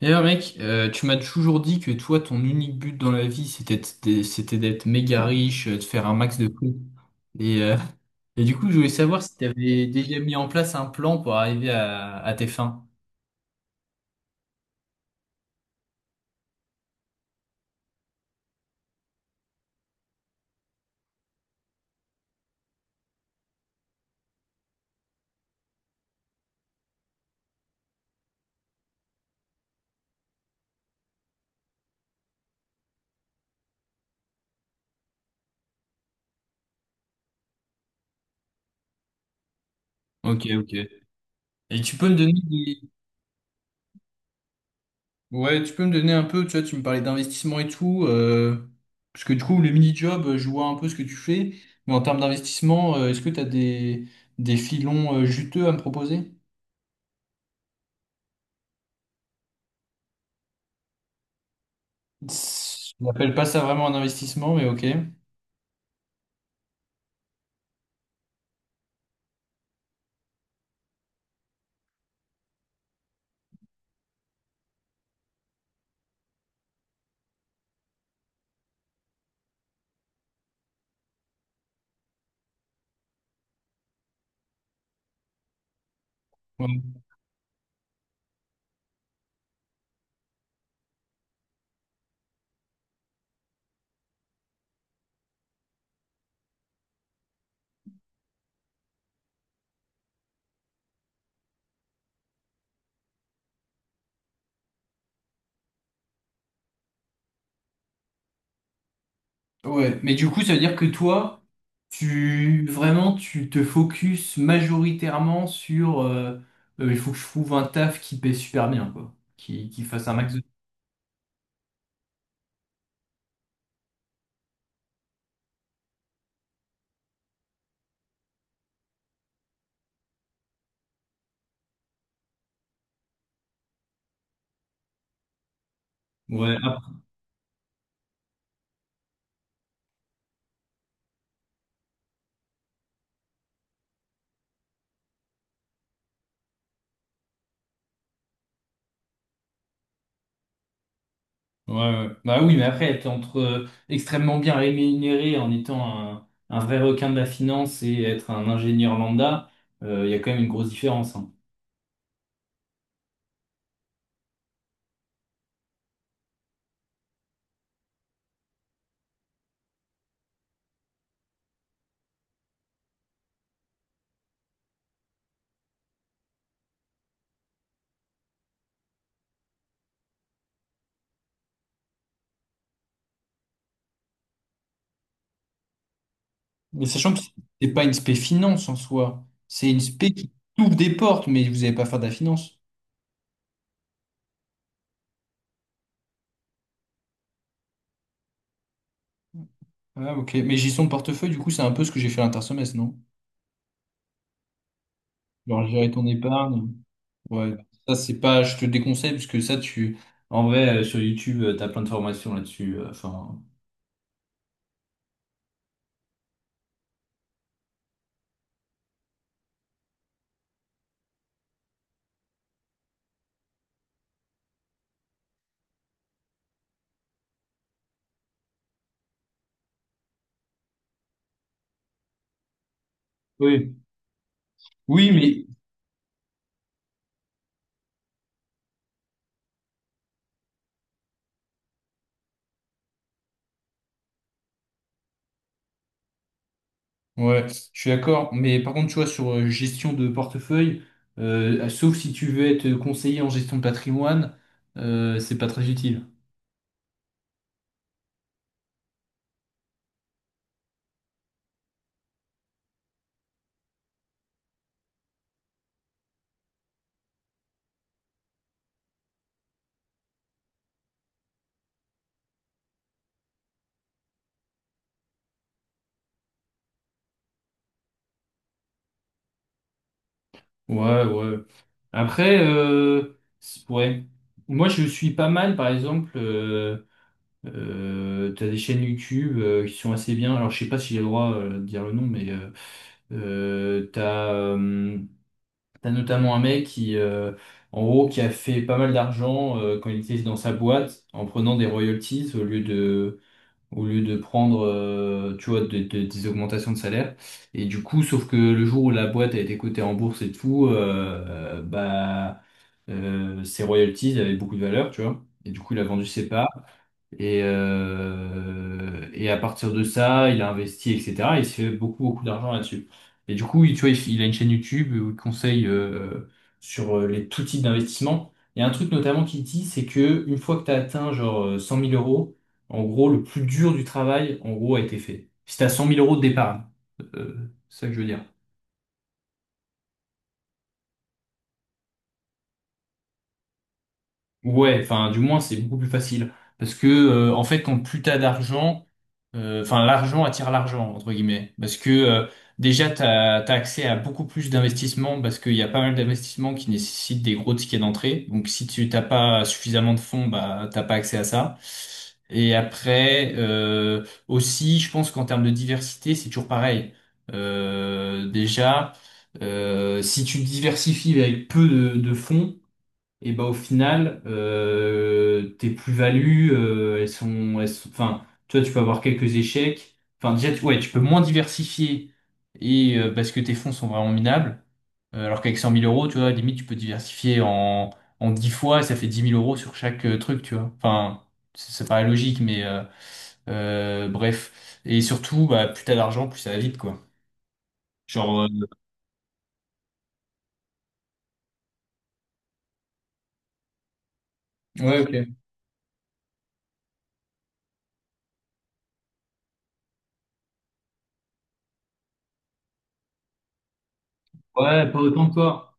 D'ailleurs, mec, tu m'as toujours dit que toi, ton unique but dans la vie, c'était d'être méga riche, de faire un max de fric. Et, euh, et du coup, je voulais savoir si tu avais déjà mis en place un plan pour arriver à tes fins. Ok, ok. Et tu peux me donner des... Ouais, tu peux me donner un peu, tu vois, tu me parlais d'investissement et tout, parce que du coup, le mini-job, je vois un peu ce que tu fais, mais en termes d'investissement, est-ce que tu as des filons juteux à me proposer? Je n'appelle pas ça vraiment un investissement, mais ok. Ouais. Ouais. Mais du coup, ça veut dire que toi, tu vraiment tu te focus majoritairement sur il faut que je trouve un taf qui paie super bien, quoi. Qui fasse un max de. Ouais, ah, ouais, ouais. Bah oui, mais après, être entre extrêmement bien rémunéré en étant un vrai requin de la finance et être un ingénieur lambda, il y a quand même une grosse différence, hein. Mais sachant que c'est pas une spé finance en soi, c'est une spé qui ouvre des portes, mais vous n'allez pas faire de la finance. Ah, ok. Mais gestion de portefeuille, du coup, c'est un peu ce que j'ai fait l'intersemestre, non? Genre gérer ton épargne. Ouais. Ça, c'est pas, je te déconseille, parce que ça, tu, en vrai, sur YouTube, t'as plein de formations là-dessus. Enfin. Oui. Oui, mais. Ouais, je suis d'accord. Mais par contre, tu vois, sur gestion de portefeuille, ah, sauf si tu veux être conseiller en gestion de patrimoine, c'est pas très utile. Ouais, ouais. Après, c'est- ouais. Moi, je suis pas mal, par exemple. T'as des chaînes YouTube qui sont assez bien. Alors, je sais pas si j'ai le droit de dire le nom, mais euh, t'as euh, t'as notamment un mec qui, en gros, qui a fait pas mal d'argent quand il était dans sa boîte en prenant des royalties au lieu de prendre, tu vois, des augmentations de salaire. Et du coup, sauf que le jour où la boîte a été cotée en bourse et tout, bah, ses royalties avaient beaucoup de valeur, tu vois. Et du coup, il a vendu ses parts. Et à partir de ça, il a investi, etc. Et il s'est fait beaucoup, beaucoup d'argent là-dessus. Et du coup, tu vois, il a une chaîne YouTube où il conseille sur les tout types d'investissements. Il y a un truc notamment qu'il dit, c'est que une fois que tu as atteint genre 100 000 euros, en gros, le plus dur du travail, en gros, a été fait. Si tu as 100 000 euros de départ, c'est ça que je veux dire. Ouais, enfin, du moins, c'est beaucoup plus facile. Parce que, en fait, quand plus t'as d'argent, enfin l'argent attire l'argent entre guillemets parce que déjà t'as accès à beaucoup plus d'investissements parce qu'il y a pas mal d'investissements qui nécessitent des gros tickets d'entrée, donc si tu t'as pas suffisamment de fonds, bah t'as pas accès à ça et après aussi je pense qu'en termes de diversité c'est toujours pareil. Déjà, si tu diversifies avec peu de fonds et bah au final, tes plus-values, elles sont, enfin, tu vois, tu peux avoir quelques échecs. Enfin, déjà, tu, ouais, tu peux moins diversifier et parce que tes fonds sont vraiment minables. Alors qu'avec 100 000 euros, tu vois, limite, tu peux diversifier en 10 fois, ça fait 10 000 euros sur chaque truc, tu vois. Enfin, ça paraît logique, mais bref. Et surtout, bah, plus t'as d'argent, plus ça va vite, quoi. Genre, ouais, ok. Ouais, pas autant que toi.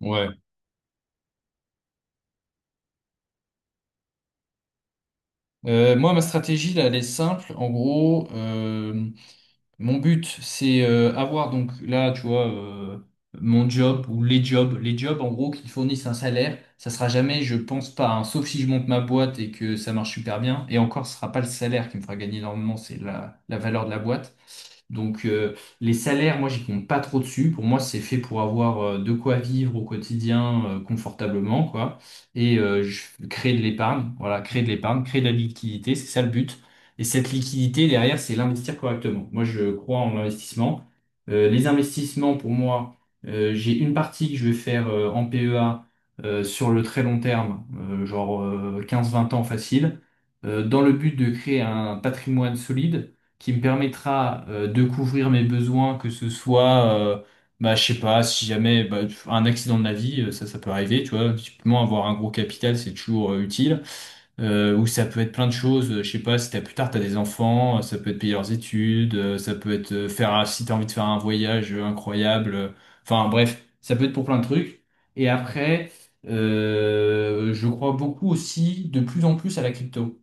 Ouais. Moi, ma stratégie, là, elle est simple. En gros, mon but, c'est avoir, donc là, tu vois, mon job ou les jobs, en gros, qui fournissent un salaire. Ça sera jamais, je pense pas, hein, sauf si je monte ma boîte et que ça marche super bien. Et encore, ce sera pas le salaire qui me fera gagner énormément, c'est la valeur de la boîte. Donc les salaires, moi j'y compte pas trop dessus. Pour moi, c'est fait pour avoir de quoi vivre au quotidien confortablement, quoi. Créer de l'épargne, voilà, créer de l'épargne, créer de la liquidité, c'est ça le but. Et cette liquidité derrière, c'est l'investir correctement. Moi, je crois en l'investissement. Les investissements, pour moi, j'ai une partie que je vais faire en PEA sur le très long terme, genre 15-20 ans facile, dans le but de créer un patrimoine solide qui me permettra de couvrir mes besoins, que ce soit, bah, je sais pas, si jamais bah, un accident de la vie, ça peut arriver, tu vois, typiquement avoir un gros capital, c'est toujours utile. Ou ça peut être plein de choses, je sais pas, si t'as plus tard, t'as des enfants, ça peut être payer leurs études, ça peut être faire, si t'as envie de faire un voyage incroyable, enfin bref, ça peut être pour plein de trucs. Et après, je crois beaucoup aussi de plus en plus à la crypto.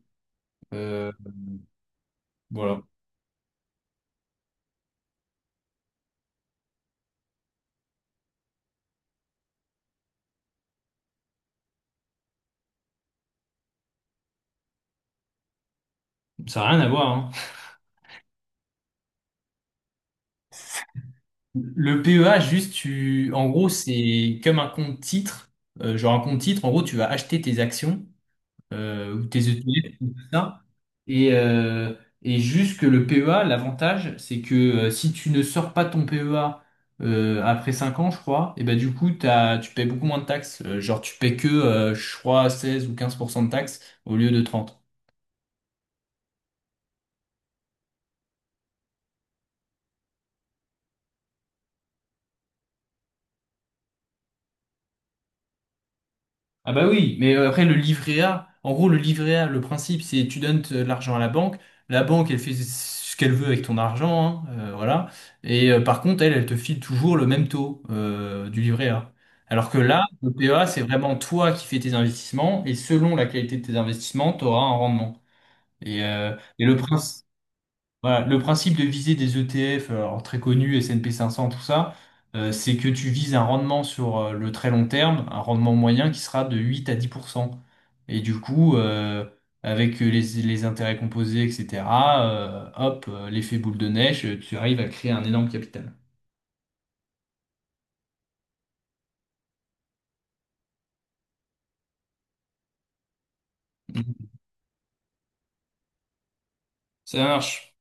Euh, voilà, ça n'a rien à voir, hein. Le PEA, juste, tu, en gros, c'est comme un compte titre. Genre un compte titre, en gros, tu vas acheter tes actions ou tes ETF, ou tout ça. Et, euh, et juste que le PEA, l'avantage, c'est que si tu ne sors pas ton PEA après 5 ans, je crois, et ben du coup, t'as, tu payes beaucoup moins de taxes. Genre, tu payes que, je crois, 16 ou 15% de taxes au lieu de 30. Ah bah oui, mais après le livret A, en gros le livret A, le principe c'est tu donnes l'argent à la banque elle fait ce qu'elle veut avec ton argent, hein, voilà, et par contre elle, elle te file toujours le même taux du livret A. Alors que là, le PEA c'est vraiment toi qui fais tes investissements et selon la qualité de tes investissements, tu auras un rendement. Et le principe... Voilà, le principe de viser des ETF, alors très connus, S&P 500, tout ça, c'est que tu vises un rendement sur le très long terme, un rendement moyen qui sera de 8 à 10%. Et du coup, avec les intérêts composés, etc., hop, l'effet boule de neige, tu arrives à créer un énorme capital. Mhm. Ça marche.